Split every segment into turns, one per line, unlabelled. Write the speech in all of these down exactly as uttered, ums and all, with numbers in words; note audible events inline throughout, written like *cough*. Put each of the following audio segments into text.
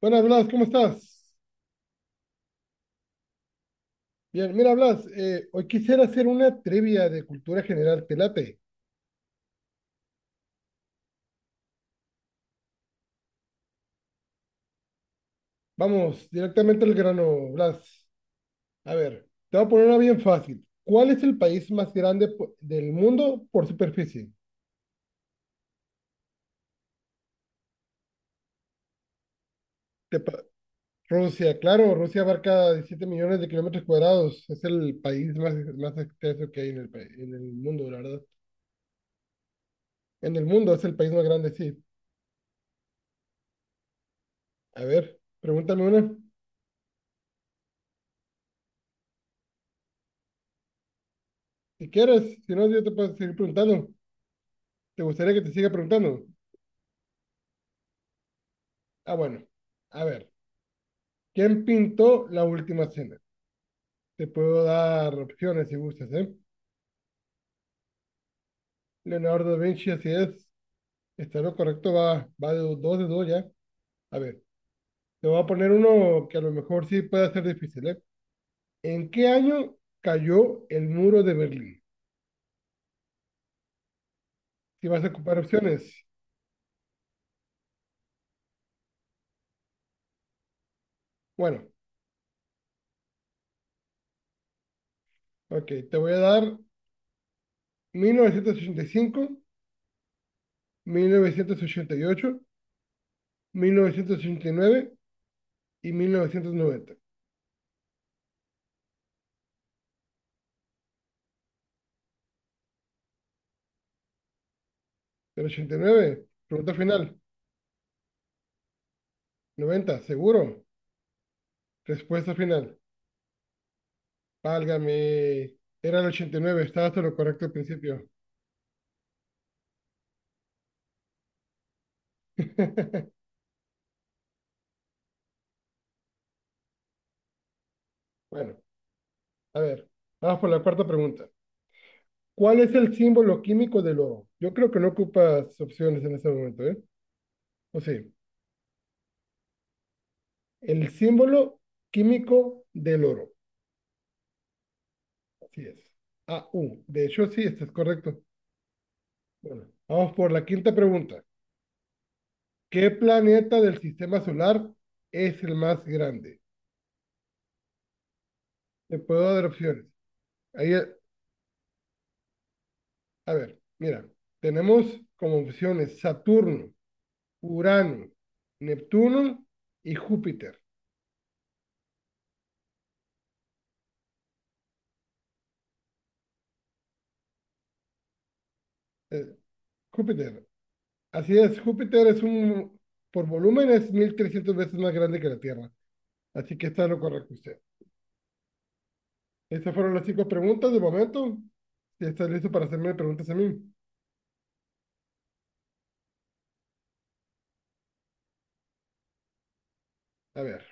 Buenas, Blas, ¿cómo estás? Bien, mira, Blas, eh, hoy quisiera hacer una trivia de cultura general, ¿te late? Vamos, directamente al grano, Blas. A ver, te voy a poner una bien fácil. ¿Cuál es el país más grande po- del mundo por superficie? Te pa- Rusia, claro, Rusia abarca diecisiete millones de kilómetros cuadrados. Es el país más, más extenso que hay en el, pa- en el mundo, la verdad. En el mundo es el país más grande, sí. A ver, pregúntame una. Si quieres, si no, yo te puedo seguir preguntando. ¿Te gustaría que te siga preguntando? Ah, bueno. A ver. ¿Quién pintó la última cena? Te puedo dar opciones si gustas, ¿eh? Leonardo da Vinci, así es. Está lo correcto, va, va de dos de dos ya. A ver, te voy a poner uno que a lo mejor sí puede ser difícil, ¿eh? ¿En qué año cayó el muro de Berlín? Si vas a ocupar opciones. Bueno, ok, te voy a dar mil novecientos ochenta y cinco, mil mil mil novecientos novecientos novecientos ochenta ochenta y y y ocho, nueve mil novecientos noventa. ¿El ochenta y nueve? Pregunta final. Noventa seguro. Respuesta final. Válgame. Era el ochenta y nueve, estaba hasta lo correcto al principio. Bueno, a ver, vamos por la cuarta pregunta. ¿Cuál es el símbolo químico del oro? Yo creo que no ocupas opciones en este momento, ¿eh? O sea, el símbolo químico del oro. Así es. A u. De hecho, sí, esto es correcto. Bueno, vamos por la quinta pregunta. ¿Qué planeta del sistema solar es el más grande? Te puedo dar opciones. Ahí. A ver, mira, tenemos como opciones Saturno, Urano, Neptuno y Júpiter. Eh, Júpiter, así es, Júpiter es un, por volumen es mil trescientas veces más grande que la Tierra. Así que está lo correcto usted. Estas fueron las cinco preguntas de momento. Si estás listo para hacerme preguntas a mí. A ver,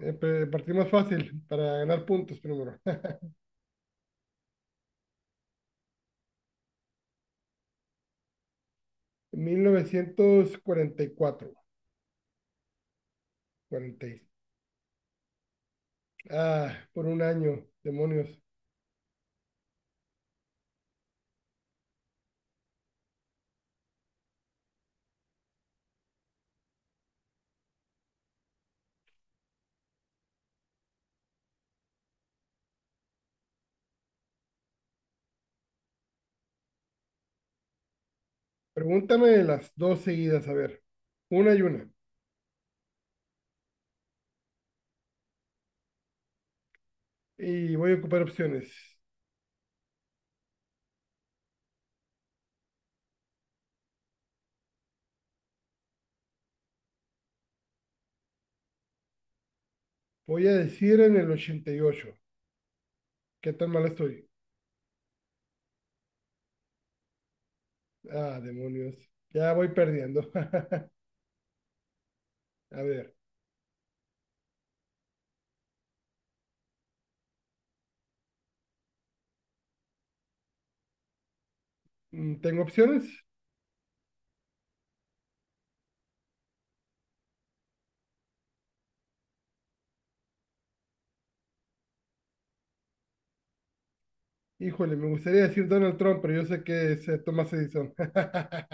eh, partimos fácil para ganar puntos primero. *laughs* mil novecientos cuarenta y cuatro. cuarenta. Ah, por un año, demonios. Pregúntame las dos seguidas, a ver, una y una. Y voy a ocupar opciones. Voy a decir en el ochenta y ocho. ¿Qué tan mal estoy? Ah, demonios. Ya voy perdiendo. *laughs* A ver. Mm, ¿tengo opciones? Híjole, me gustaría decir Donald Trump, pero yo sé que es eh, Thomas Edison. *laughs*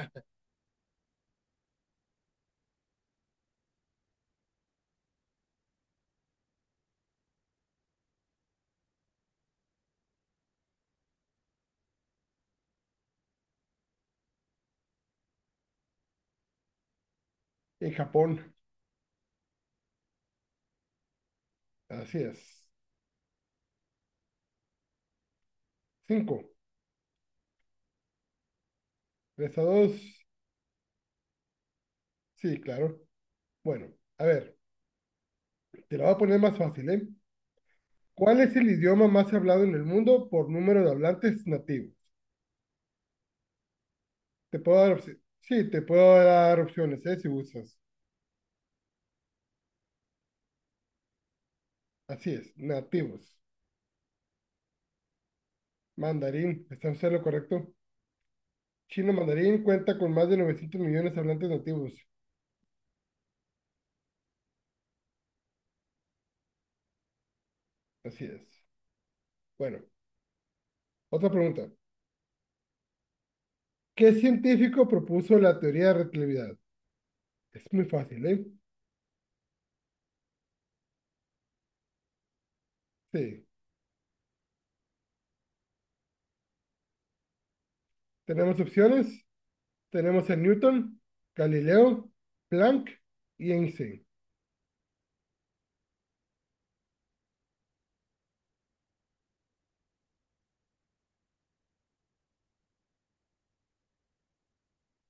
En Japón. Así es. Cinco. Tres a dos. Sí, claro. Bueno, a ver, te la voy a poner más fácil, ¿eh? ¿Cuál es el idioma más hablado en el mundo por número de hablantes nativos? Te puedo dar opci- Sí, te puedo dar opciones, ¿eh? Si gustas. Así es, nativos. Mandarín, ¿está usted en lo correcto? Chino mandarín cuenta con más de novecientos millones de hablantes nativos. Así es. Bueno, otra pregunta. ¿Qué científico propuso la teoría de relatividad? Es muy fácil, ¿eh? Sí. Tenemos opciones. Tenemos a Newton, Galileo, Planck y Einstein.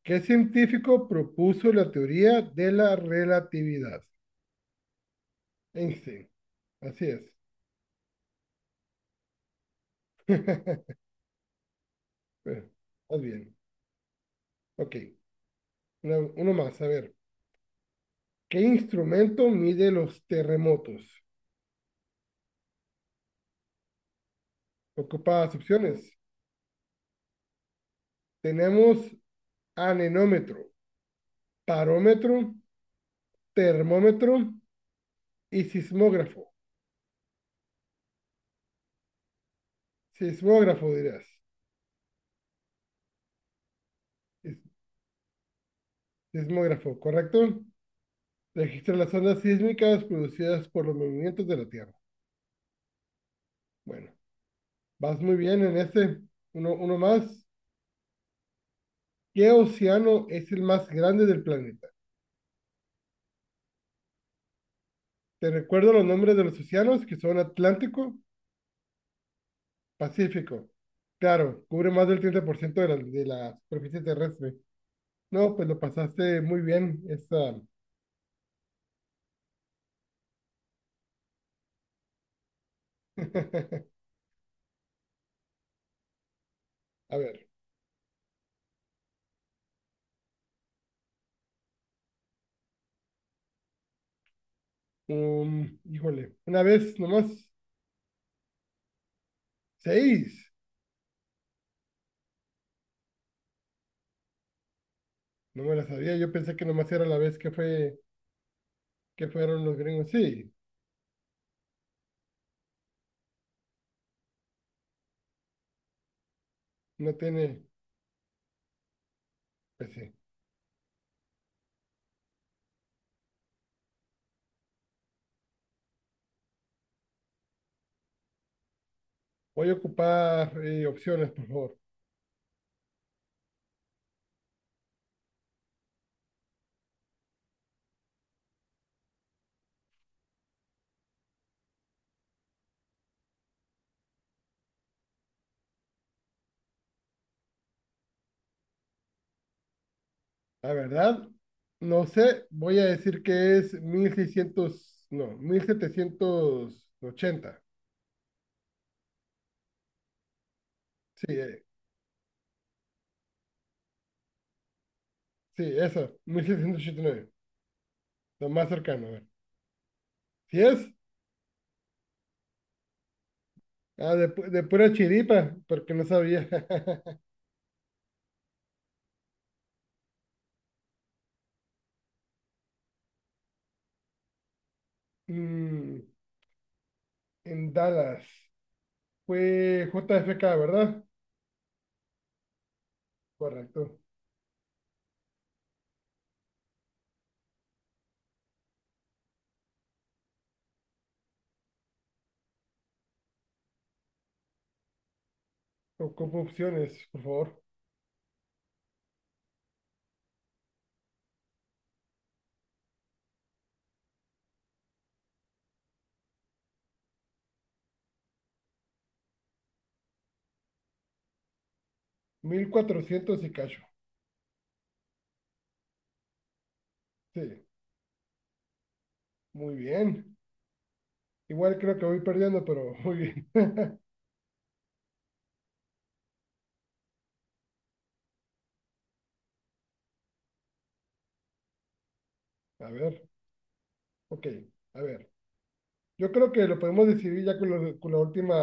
¿Qué científico propuso la teoría de la relatividad? Einstein. Así es. *laughs* Bueno, más bien. Ok. Una- uno más. A ver. ¿Qué instrumento mide los terremotos? Ocupadas opciones. Tenemos anemómetro, parómetro, termómetro y sismógrafo. Sismógrafo dirás. Sis- Sismógrafo, ¿correcto? Registra las ondas sísmicas producidas por los movimientos de la Tierra. Bueno, vas muy bien en este. Uno, uno más. ¿Qué océano es el más grande del planeta? Te recuerdo los nombres de los océanos que son Atlántico, Pacífico. Claro, cubre más del treinta por ciento de la, de la superficie terrestre. No, pues lo pasaste muy bien. Esta. *laughs* A ver, um, híjole, una vez nomás, seis. No me la sabía, yo pensé que nomás era la vez que fue que fueron los gringos. Sí, no tiene, pues sí. Voy a ocupar eh, opciones, por favor. La verdad, no sé, voy a decir que es mil seiscientos no, mil setecientos ochenta. Sí, eh, sí, eso, mil setecientos ochenta y nueve lo más cercano, a ver. ¿Sí es? Ah, de, pu- de pura chiripa, porque no sabía. *laughs* Mm, en Dallas, fue J F K, ¿verdad? Correcto. Ocupo opciones, por favor. Mil cuatrocientos y cacho. Sí, muy bien. Igual creo que voy perdiendo, pero muy bien. *laughs* A ver, ok, a ver. Yo creo que lo podemos decidir ya con, los- con la última,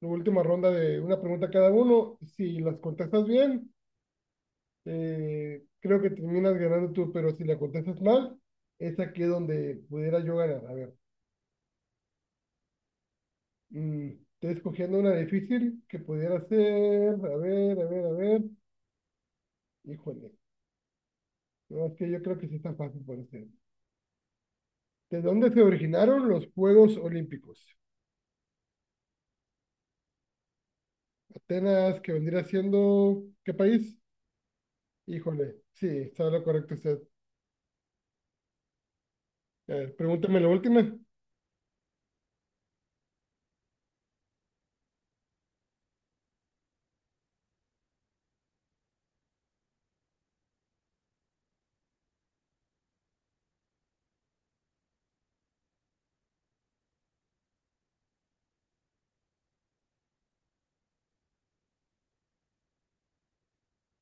la última ronda de una pregunta cada uno. Si las contestas bien, eh, creo que terminas ganando tú, pero si la contestas mal, es aquí donde pudiera yo ganar. A ver, mm, estoy escogiendo una difícil que pudiera ser. A ver, a ver, a ver. Híjole, no, es que yo creo que sí está fácil por hacer. ¿De dónde se originaron los Juegos Olímpicos? Atenas, que vendría siendo, ¿qué país? Híjole, sí, está lo correcto usted. A ver, pregúntame la última.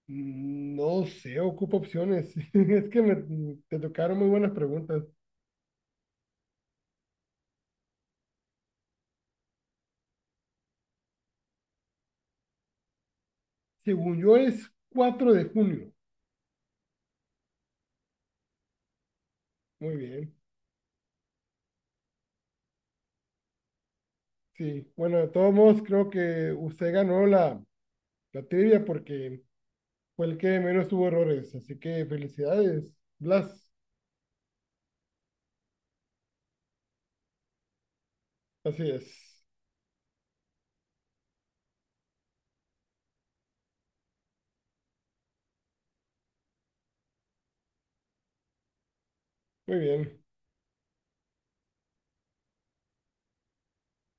Mm, No sé, ocupo opciones. *laughs* Es que me, te tocaron muy buenas preguntas. Según yo es cuatro de junio. Muy bien. Sí, bueno, de todos modos creo que usted ganó la, la trivia porque fue el que menos tuvo errores. Así que felicidades, Blas. Así es. Muy bien.